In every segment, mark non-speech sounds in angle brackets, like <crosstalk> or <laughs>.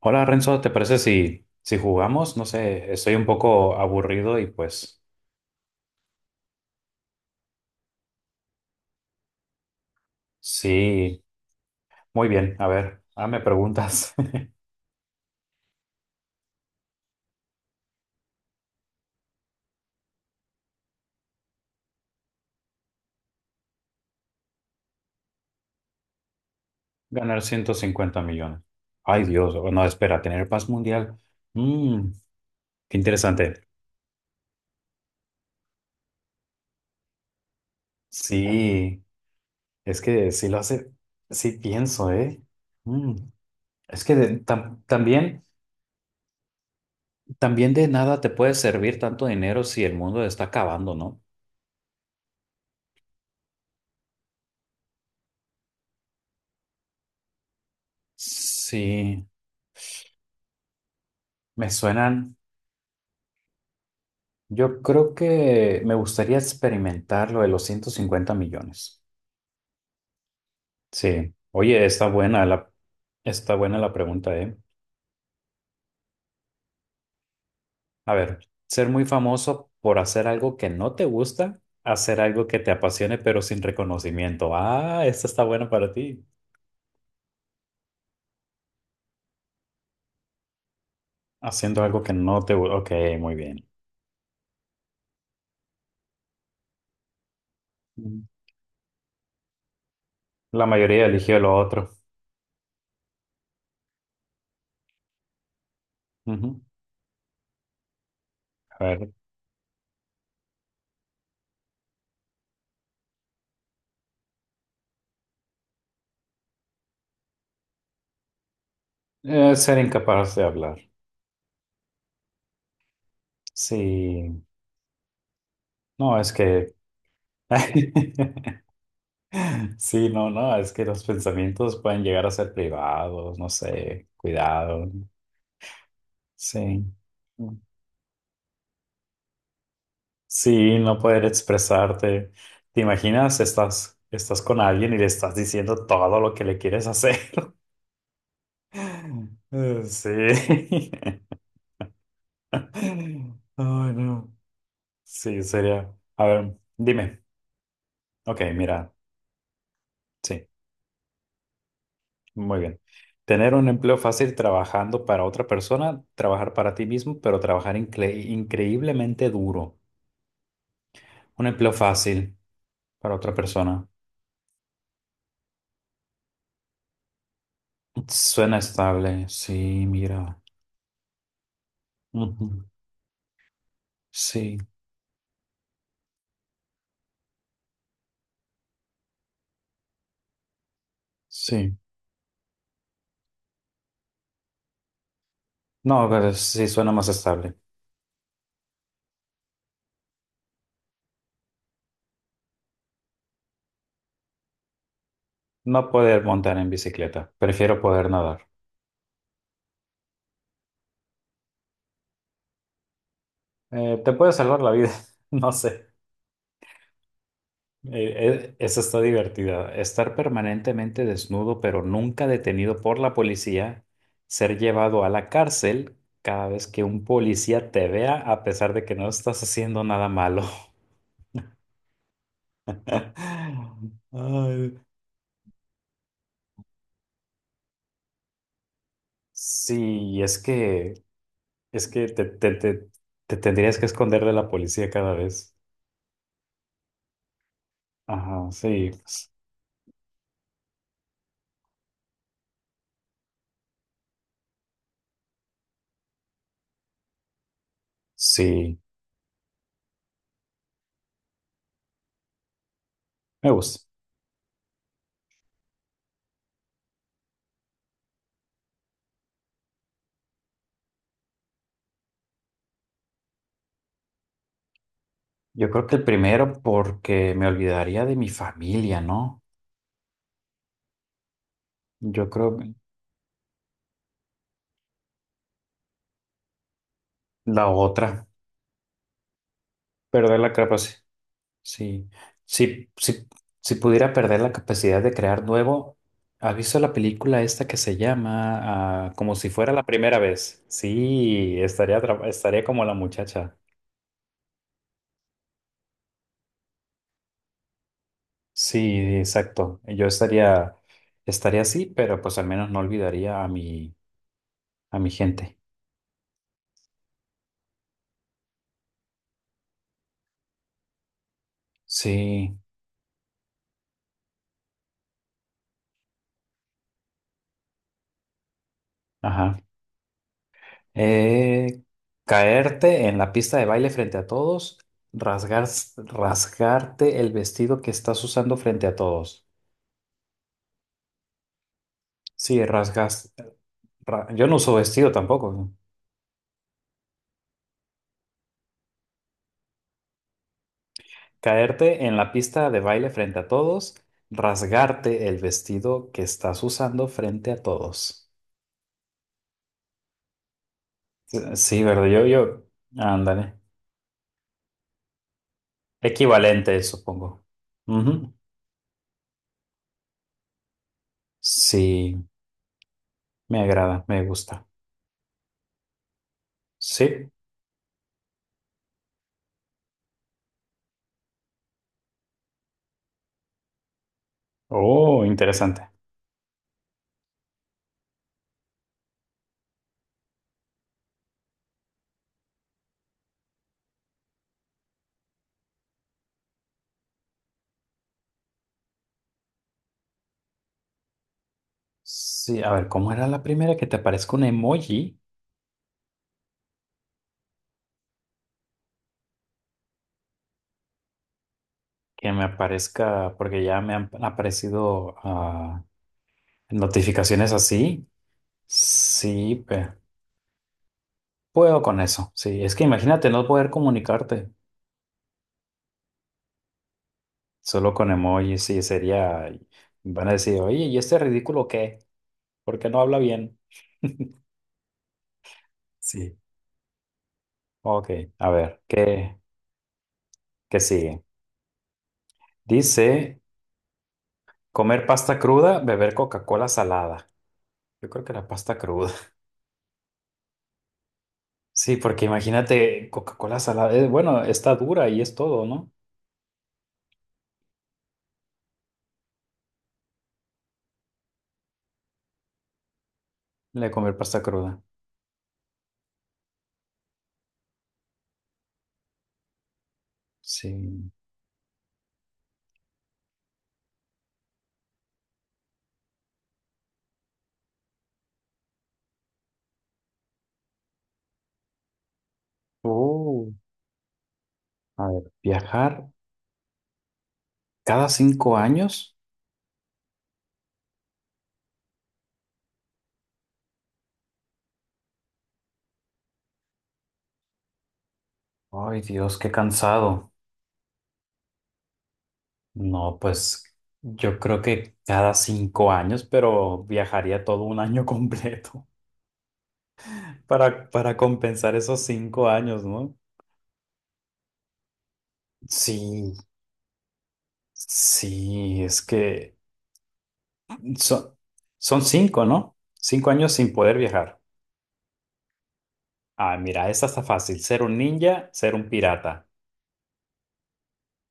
Hola Renzo, ¿te parece si jugamos? No sé, estoy un poco aburrido y pues sí, muy bien, a ver, me preguntas. <laughs> Ganar 150 millones. Ay Dios, no, espera, tener paz mundial. Mm, qué interesante. Sí, es que sí lo hace, sí pienso, ¿eh? Mm, es que también, también de nada te puede servir tanto dinero si el mundo está acabando, ¿no? Sí, me suenan. Yo creo que me gustaría experimentar lo de los 150 millones. Sí. Oye, está buena la pregunta, ¿eh? A ver, ser muy famoso por hacer algo que no te gusta, hacer algo que te apasione pero sin reconocimiento. Ah, esta está buena para ti. Haciendo algo que no te gusta. Ok, muy bien. Mm. La mayoría eligió lo otro. Ujú. A ver, ser incapaz de hablar. Sí. No, es que... <laughs> Sí, no, no, es que los pensamientos pueden llegar a ser privados, no sé, cuidado, sí. Sí, no poder expresarte. ¿Te imaginas? Estás con alguien y le estás diciendo todo lo que le quieres hacer. <laughs> Sí. <laughs> Ay, no. Sí, sería. A ver, dime. Ok, mira, sí. Muy bien. Tener un empleo fácil trabajando para otra persona, trabajar para ti mismo, pero trabajar increíblemente duro. Un empleo fácil para otra persona. Suena estable. Sí, mira. Ujú. Sí, sí. No, pero sí suena más estable. No poder montar en bicicleta. Prefiero poder nadar. Te puede salvar la vida. <laughs> No sé. Esa está divertida. Estar permanentemente desnudo, pero nunca detenido por la policía, ser llevado a la cárcel cada vez que un policía te vea, a pesar de que no estás haciendo nada malo. <laughs> Ay, sí, es que te tendrías que esconder de la policía cada vez. Ajá, sí, sí, me gusta. Yo creo que el primero porque me olvidaría de mi familia, ¿no? Yo creo que la otra. Perder la capacidad. Sí. Si, si, si pudiera perder la capacidad de crear nuevo, ¿has visto la película esta que se llama Como si fuera la primera vez? Sí, estaría como la muchacha. Sí, exacto. Estaría así, pero pues al menos no olvidaría a a mi gente. Sí, ajá. Eh, caerte en la pista de baile frente a todos, rasgar, rasgarte el vestido que estás usando frente a todos. Sí, rasgas. Yo no uso vestido tampoco. Caerte en la pista de baile frente a todos, rasgarte el vestido que estás usando frente a todos. Sí, sí, ¿verdad? Ándale. Equivalente, supongo. Ujú. Sí, me agrada, me gusta. Sí. Oh, interesante. Sí, a ver, ¿cómo era la primera? Que te aparezca un emoji, que me aparezca, porque ya me han aparecido notificaciones así. Sí, puedo con eso. Sí, es que imagínate no poder comunicarte solo con emojis, sí, sería, van a decir, oye, ¿y este ridículo qué? ¿Por qué no habla bien? Sí, ok, a ver, ¿qué sigue? Dice, comer pasta cruda, beber Coca-Cola salada. Yo creo que la pasta cruda. Sí, porque imagínate Coca-Cola salada. Bueno, está dura y es todo, ¿no? Le comer pasta cruda. Sí. Oh, a ver, viajar cada 5 años. Ay, Dios, qué cansado. No, pues yo creo que cada 5 años, pero viajaría todo un año <laughs> completo para compensar esos 5 años, ¿no? Sí, sí, es que son, son cinco, ¿no? 5 años sin poder viajar. Ah, mira, esa está fácil. Ser un ninja, ser un pirata.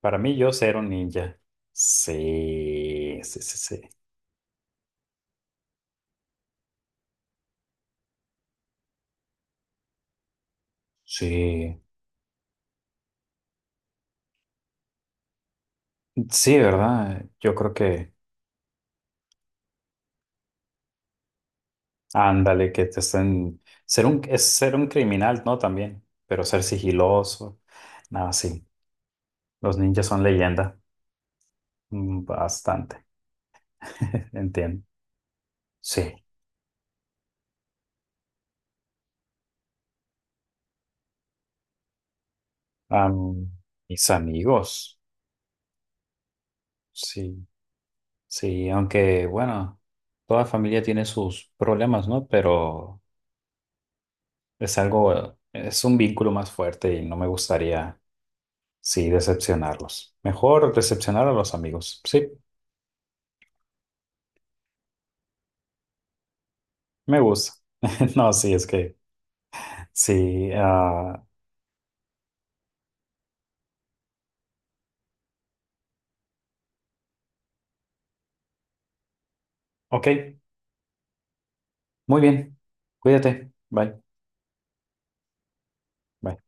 Para mí, yo ser un ninja. Sí, sí, sí, sí. Sí, sí, ¿verdad? Yo creo que, ándale, que te estén... es ser un criminal, ¿no? También, pero ser sigiloso. Nada, sí. Los ninjas son leyenda. Mm, bastante. <laughs> Entiendo. Sí. Am, mis amigos. Sí, sí, aunque, bueno, toda familia tiene sus problemas, ¿no? Pero... Es algo, es un vínculo más fuerte y no me gustaría, sí, decepcionarlos. Mejor decepcionar a los amigos. Sí, me gusta. <laughs> No, sí, es que, sí. Ok, muy bien. Cuídate. Bye. Bye.